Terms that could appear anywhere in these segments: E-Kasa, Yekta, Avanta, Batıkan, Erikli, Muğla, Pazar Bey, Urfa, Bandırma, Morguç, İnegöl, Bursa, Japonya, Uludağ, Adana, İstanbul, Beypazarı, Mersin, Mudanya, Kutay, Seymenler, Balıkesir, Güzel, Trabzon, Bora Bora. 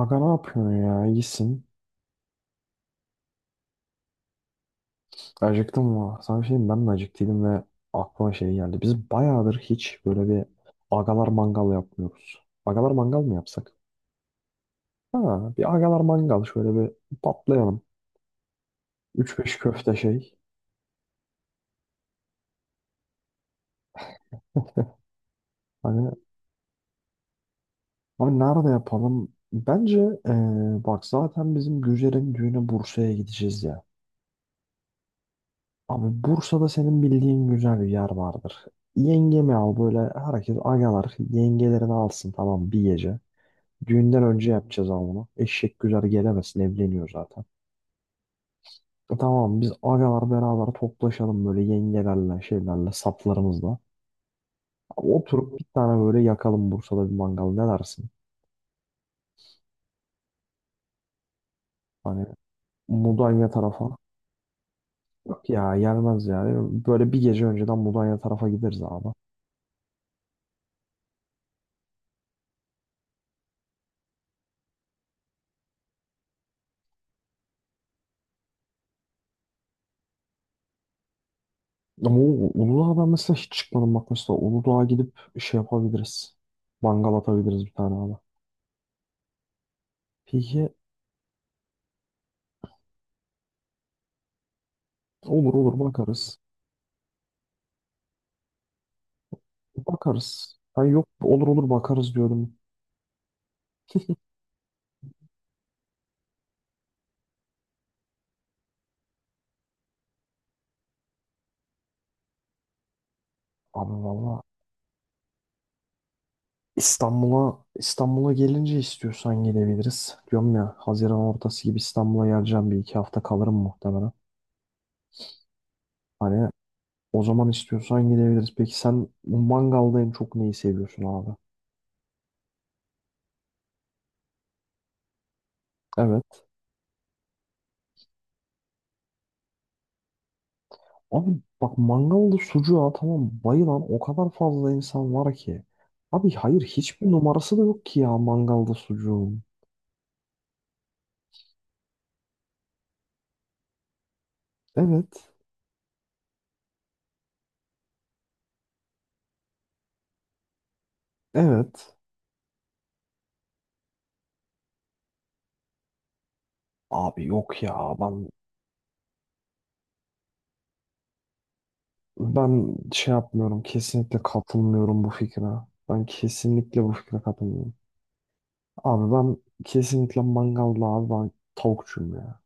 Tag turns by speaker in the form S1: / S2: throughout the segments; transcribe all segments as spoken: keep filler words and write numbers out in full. S1: Aga ne yapıyorsun ya? İyisin. Acıktım mı? Sana bir şey diyeyim, ben de acıktıydım ve aklıma şey geldi. Biz bayağıdır hiç böyle bir agalar mangal yapmıyoruz. Agalar mangal mı yapsak? Ha, bir agalar mangal şöyle bir patlayalım. Üç beş köfte şey. Hani abi nerede yapalım? Bence ee, bak zaten bizim Güzel'in düğüne Bursa'ya gideceğiz ya. Abi Bursa'da senin bildiğin güzel bir yer vardır. Yengemi al, böyle herkes agalar yengelerini alsın, tamam, bir gece. Düğünden önce yapacağız ama bunu. Eşek güzel gelemesin, evleniyor zaten. E tamam, biz agalar beraber toplaşalım böyle yengelerle şeylerle saplarımızla. Oturup bir tane böyle yakalım Bursa'da bir mangal, ne dersin? Hani Mudanya tarafa. Yok ya, gelmez yani. Böyle bir gece önceden Mudanya tarafa gideriz abi. Ama o Uludağ'a ben mesela hiç çıkmadım, bak mesela Uludağ'a gidip şey yapabiliriz. Mangal atabiliriz bir tane abi. Peki, olur olur bakarız. Bakarız. Ha yok, olur olur bakarız diyorum. Abi valla İstanbul'a İstanbul'a gelince istiyorsan gelebiliriz. Diyorum ya, Haziran ortası gibi İstanbul'a geleceğim, bir iki hafta kalırım muhtemelen. Hani o zaman istiyorsan gidebiliriz. Peki sen bu mangalda en çok neyi seviyorsun abi? Evet. Abi bak, mangalda sucuğa tamam, bayılan o kadar fazla insan var ki. Abi hayır, hiçbir numarası da yok ki ya mangalda sucuğun. Evet. Evet. Abi yok ya, ben Ben şey yapmıyorum. Kesinlikle katılmıyorum bu fikre. Ben kesinlikle bu fikre katılmıyorum. Abi ben kesinlikle mangalda, abi ben tavukçuyum ya.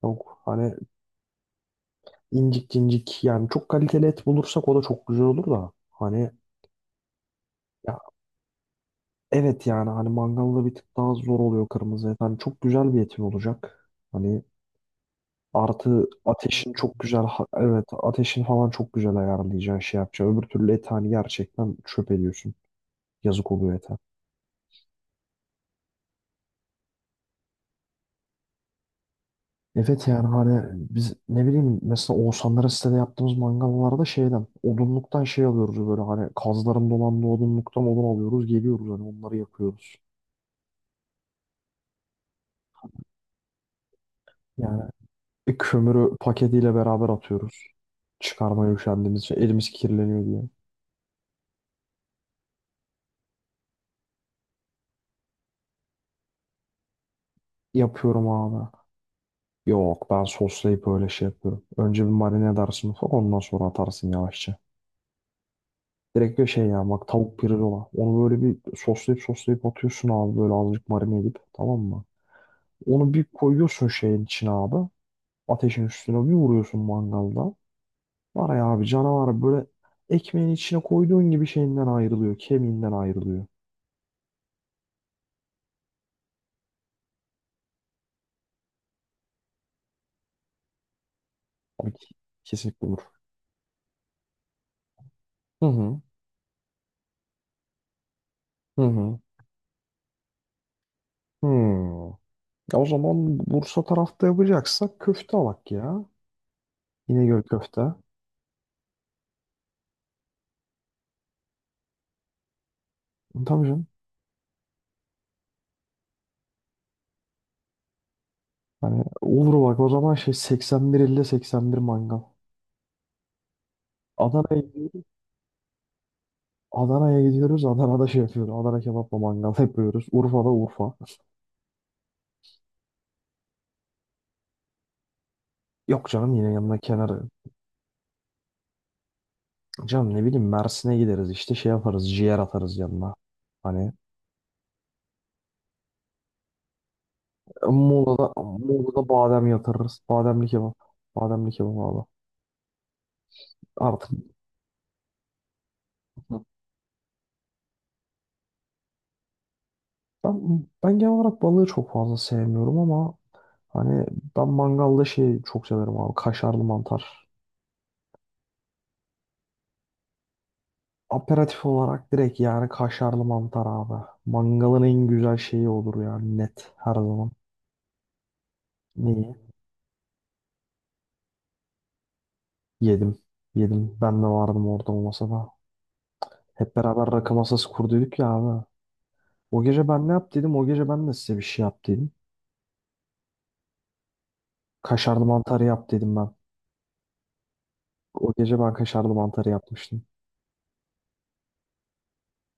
S1: Tavuk hani incik incik, yani çok kaliteli et bulursak o da çok güzel olur da. Hani ya evet, yani hani mangalda bir tık daha zor oluyor kırmızı et. Hani çok güzel bir etin olacak. Hani artı ateşin çok güzel ha- evet, ateşin falan çok güzel ayarlayacaksın, şey yapacaksın. Öbür türlü et hani gerçekten çöp ediyorsun. Yazık oluyor et. Evet, yani hani biz ne bileyim, mesela Oğuzhanlara sitede yaptığımız mangallarda şeyden, odunluktan şey alıyoruz, böyle hani kazların dolandığı odunluktan odun alıyoruz geliyoruz, hani onları yakıyoruz. Yani e, kömürü paketiyle beraber atıyoruz. Çıkarmaya üşendiğimiz için, elimiz kirleniyor diye. Yapıyorum abi. Yok, ben soslayıp öyle şey yapıyorum. Önce bir marine edersin ufak, ondan sonra atarsın yavaşça. Direkt bir şey ya, bak tavuk pirzola. Onu böyle bir soslayıp soslayıp atıyorsun abi, böyle azıcık marine edip, tamam mı? Onu bir koyuyorsun şeyin içine abi. Ateşin üstüne bir vuruyorsun mangalda. Var ya abi, canavar, böyle ekmeğin içine koyduğun gibi şeyinden ayrılıyor. Kemiğinden ayrılıyor. Abi kesinlikle olur. Hı hı. Hı hı. Hı. Ya o zaman Bursa tarafta yapacaksak köfte alak ya. İnegöl köfte. Tabii canım. Hani olur bak, o zaman şey seksen bir elli seksen bir mangal. Adana'ya gidiyoruz. Adana'ya gidiyoruz. Adana'da şey yapıyoruz. Adana kebapla mangal yapıyoruz. Urfa'da Urfa. Yok canım, yine yanına kenarı. Canım ne bileyim, Mersin'e gideriz işte şey yaparız, ciğer atarız yanına. Hani e, Muğla'da, Muğla'da badem yatırırız. Bademli kebap. Bademli kebap abi. Artık ben, ben genel olarak balığı çok fazla sevmiyorum ama hani ben mangalda şeyi çok severim abi, kaşarlı mantar. Aperatif olarak direkt yani, kaşarlı mantar abi. Mangalın en güzel şeyi olur yani, net, her zaman. Neyi? Yedim. Yedim. Ben de vardım orada, o masada. Hep beraber rakı masası kurduyduk ya abi. O gece ben ne yap dedim? O gece ben de size bir şey yap dedim. Kaşarlı mantarı yap dedim ben. O gece ben kaşarlı mantarı yapmıştım.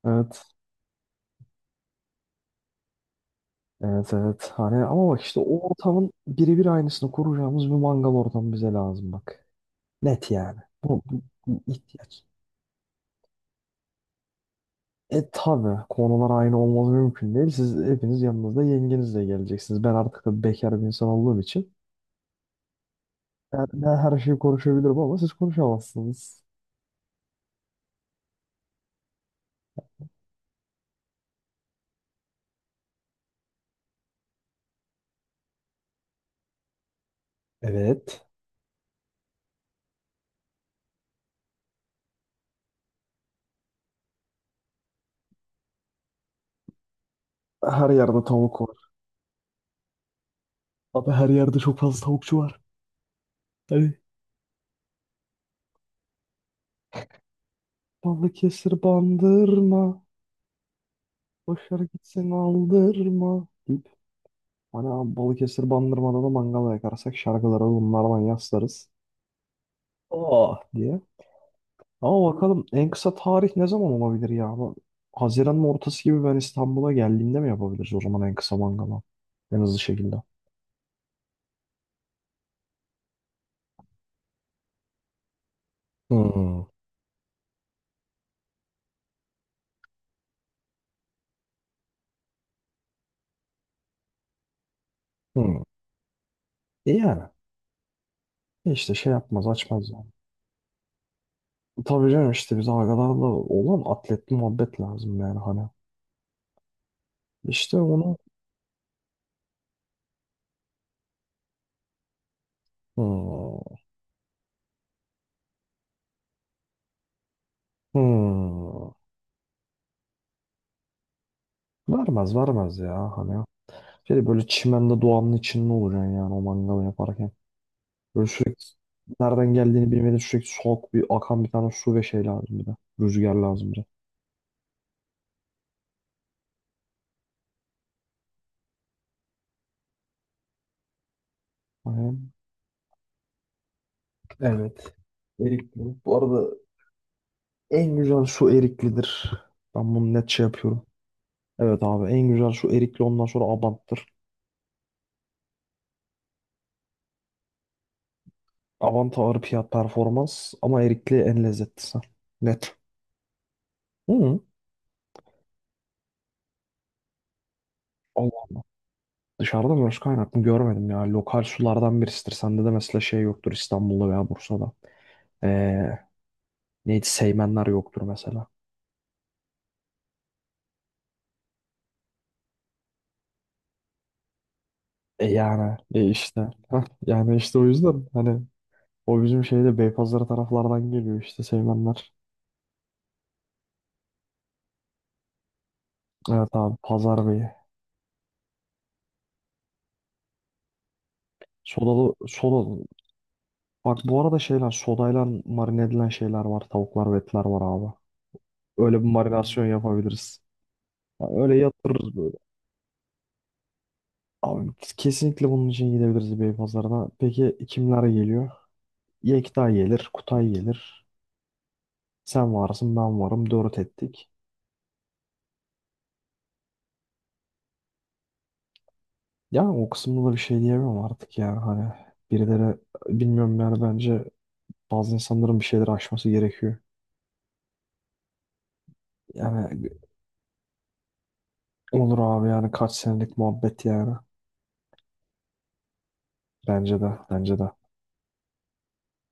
S1: Evet. Evet evet. Hani ama bak işte, o ortamın birebir aynısını kuracağımız bir mangal ortamı bize lazım bak. Net yani. Bu, bu, bu ihtiyaç. E tabi konular aynı olmaz, mümkün değil. Siz hepiniz yanınızda yengenizle geleceksiniz. Ben artık da bekar bir insan olduğum için ben, ben her şeyi konuşabilirim ama siz konuşamazsınız. Evet. Her yerde tavuk var. Abi her yerde çok fazla tavukçu var. Hani Balıkesir bandırma. Boşver gitsin, aldırma. Deyip hani abi Balıkesir bandırmada da mangal yakarsak, şarkıları bunlardan yaslarız. Oh diye. Ama bakalım en kısa tarih ne zaman olabilir ya? Bu Haziran'ın ortası gibi ben İstanbul'a geldiğimde mi yapabiliriz o zaman en kısa mangalı? En hızlı şekilde. Hmm. Hmm. E yani. E işte şey yapmaz açmaz ya. Tabii canım, işte biz agalarla olan atletli muhabbet lazım yani hani. İşte onu hmm, hmm, vermez vermez ya hani. Şey böyle çimende, doğanın içinde olacaksın yani o mangalı yaparken. Böyle sürekli nereden geldiğini bilmeden, sürekli soğuk bir akan bir tane su ve şey lazım bir de. Rüzgar lazım bir de. Hani, evet. Erikli. Bu arada en güzel su eriklidir. Ben bunu net şey yapıyorum. Evet abi, en güzel su erikli, ondan sonra abanttır. Avanta ağır fiyat performans ama erikli en lezzetlisi. Net. Hı. Allah, dışarıda mı? Başka kaynaklı görmedim ya. Lokal sulardan birisidir. Sende de mesela şey yoktur İstanbul'da veya Bursa'da. Ee, neydi, Seymenler yoktur mesela. E yani, e işte. Hah, yani işte o yüzden hani o bizim şeyde Beypazarı taraflardan geliyor işte, Seymenler. Evet abi, Pazar Bey'i. Sodalı soda. Bak, bu arada şeyler sodayla marine edilen şeyler var. Tavuklar ve etler var abi. Öyle bir Hmm. marinasyon yapabiliriz. Yani öyle yatırırız böyle. Abi kesinlikle bunun için gidebiliriz Beypazarı'na. Peki kimler geliyor? Yekta gelir, Kutay gelir. Sen varsın, ben varım. Dört ettik. Yani o kısımda da bir şey diyemem artık yani. Hani birileri, bilmiyorum yani, bence bazı insanların bir şeyleri aşması gerekiyor. Yani olur abi, yani kaç senelik muhabbet yani. Bence de, bence de.